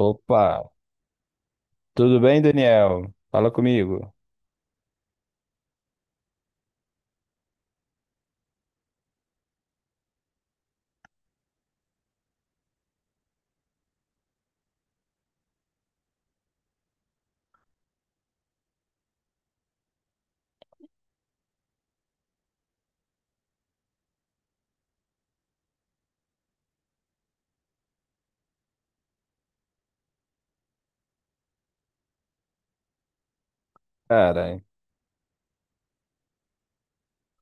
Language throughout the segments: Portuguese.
Opa, tudo bem, Daniel? Fala comigo. Cara,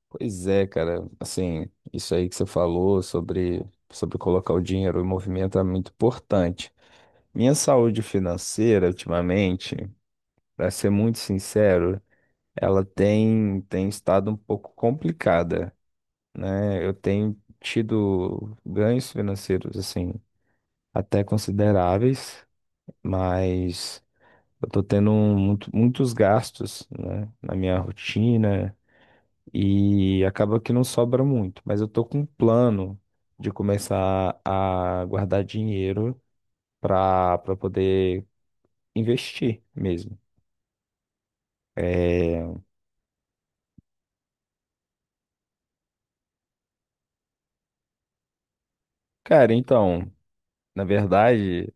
pois é, cara. Assim, isso aí que você falou sobre colocar o dinheiro em movimento é muito importante. Minha saúde financeira, ultimamente, para ser muito sincero, ela tem estado um pouco complicada, né? Eu tenho tido ganhos financeiros, assim, até consideráveis, mas. Eu tô tendo muitos gastos, né, na minha rotina, e acaba que não sobra muito, mas eu tô com um plano de começar a guardar dinheiro para poder investir mesmo. É, cara, então, na verdade,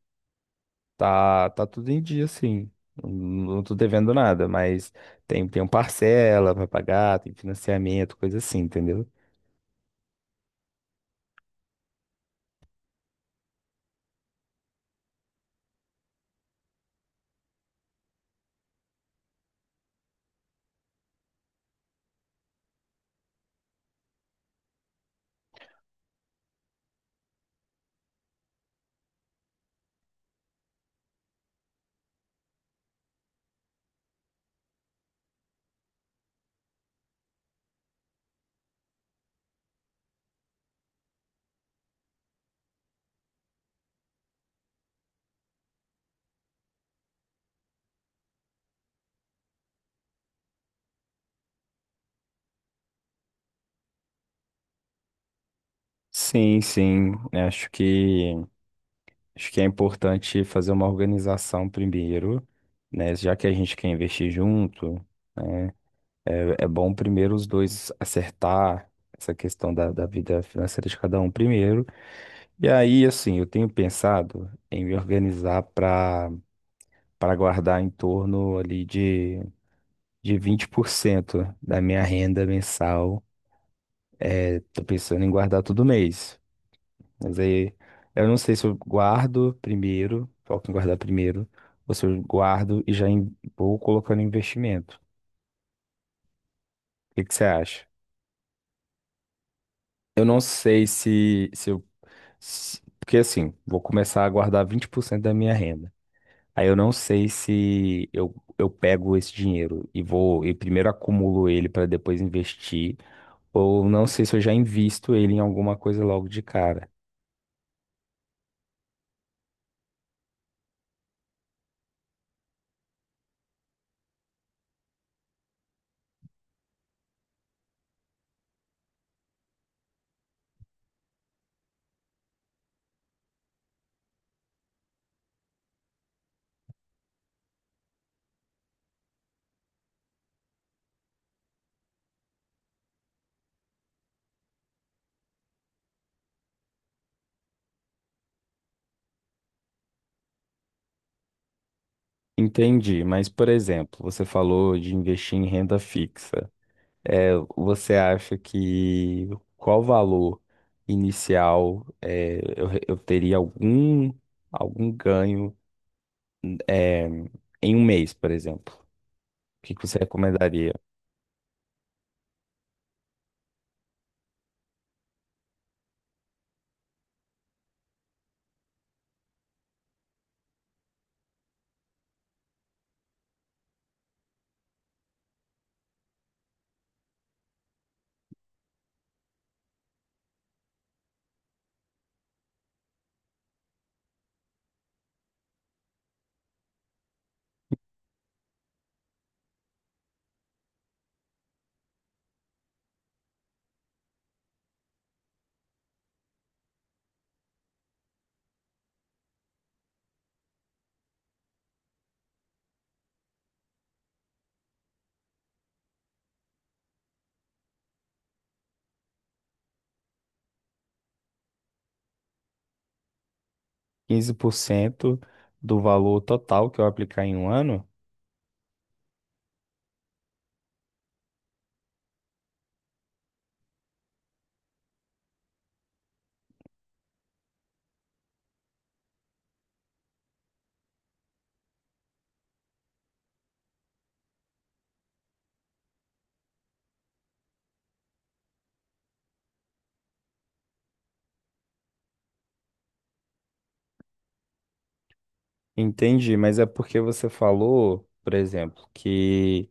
tá tudo em dia assim. Não tô devendo nada, mas tem um parcela para pagar, tem financiamento, coisa assim, entendeu? Sim, sim. Acho que. Acho que é importante fazer uma organização primeiro, né? Já que a gente quer investir junto, né? É bom primeiro os dois acertar essa questão da vida financeira de cada um primeiro. E aí, assim, eu tenho pensado em me organizar para guardar em torno ali de 20% da minha renda mensal. Estou pensando em guardar todo mês. Mas aí eu não sei se eu guardo primeiro, foco em guardar primeiro, ou se eu guardo e já vou colocando investimento. O que que você acha? Eu não sei se eu. Porque assim, vou começar a guardar 20% da minha renda. Aí eu não sei se eu pego esse dinheiro e vou e primeiro acumulo ele para depois investir, ou não sei se eu já invisto ele em alguma coisa logo de cara. Entendi, mas por exemplo, você falou de investir em renda fixa. É, você acha que qual valor inicial eu teria algum ganho é, em um mês, por exemplo? O que que você recomendaria? 15% do valor total que eu aplicar em um ano? Entendi, mas é porque você falou, por exemplo, que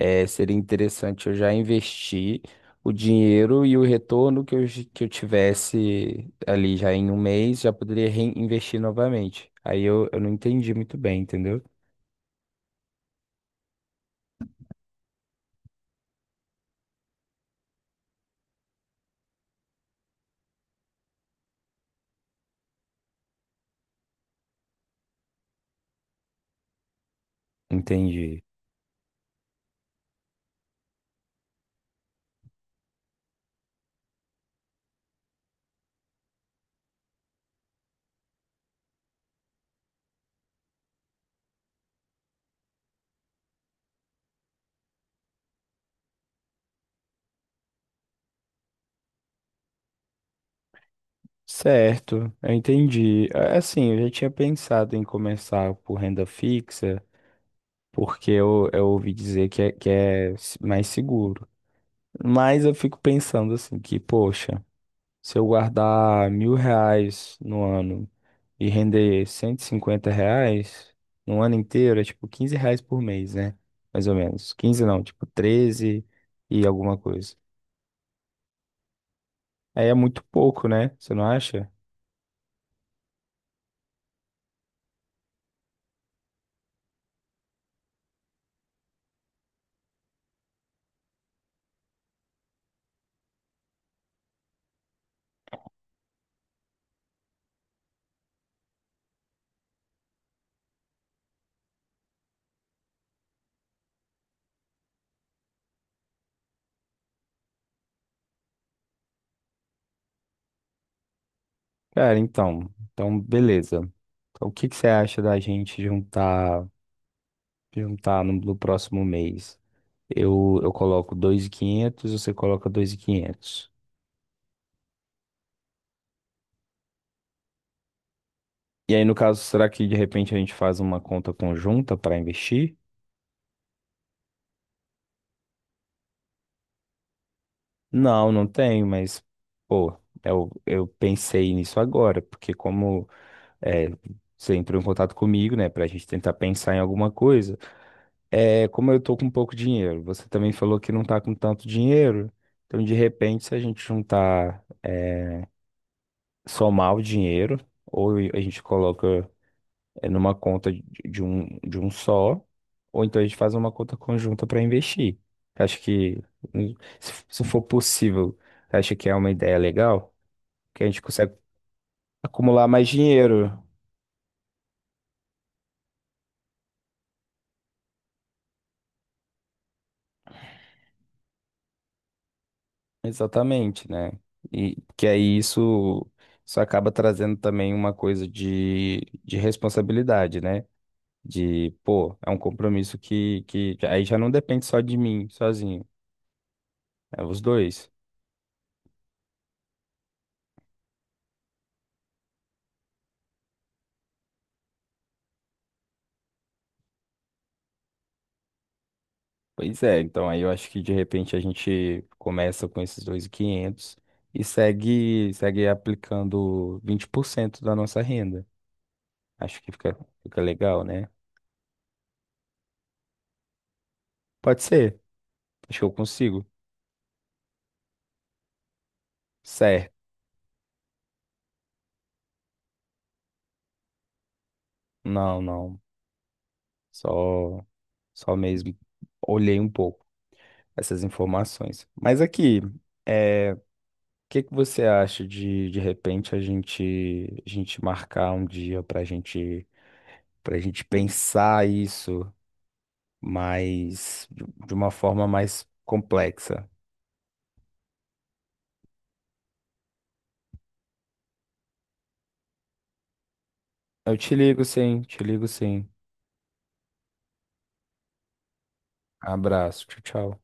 Seria interessante eu já investir o dinheiro e o retorno que eu tivesse ali já em um mês, já poderia reinvestir novamente. Aí eu não entendi muito bem, entendeu? Entendi. Certo, eu entendi. Assim, eu já tinha pensado em começar por renda fixa, porque eu ouvi dizer que é, mais seguro. Mas eu fico pensando assim, que, poxa. Se eu guardar 1.000 reais no ano e render 150 reais no ano inteiro, é tipo 15 reais por mês, né? Mais ou menos, 15 não, tipo 13 e alguma coisa. Aí é muito pouco, né? Você não acha? Cara, então. Então, beleza. Então, o que que você acha da gente juntar no próximo mês? Eu coloco 2.500, você coloca 2.500. E aí, no caso, será que de repente a gente faz uma conta conjunta para investir? Não, não tenho, mas, pô, eu pensei nisso agora, porque como é, você entrou em contato comigo, né, pra gente tentar pensar em alguma coisa, como eu tô com pouco dinheiro, você também falou que não tá com tanto dinheiro, então de repente se a gente juntar, somar o dinheiro, ou a gente coloca numa conta de um só, ou então a gente faz uma conta conjunta pra investir. Acho que, hum, se for possível, acha que é uma ideia legal? Que a gente consegue acumular mais dinheiro. Exatamente, né? E que aí isso acaba trazendo também uma coisa de responsabilidade, né? De, pô, é um compromisso que aí já não depende só de mim, sozinho, é os dois. Pois é, então aí eu acho que de repente a gente começa com esses 2.500 e quinhentos e segue aplicando 20% da nossa renda. Acho que fica legal, né? Pode ser, acho que eu consigo. Certo. Não, não. Só, só mesmo olhei um pouco essas informações. Mas aqui, o que que você acha de repente a gente marcar um dia para gente pensar isso mais de uma forma mais complexa? Eu te ligo, sim. Te ligo, sim. Abraço. Tchau, tchau.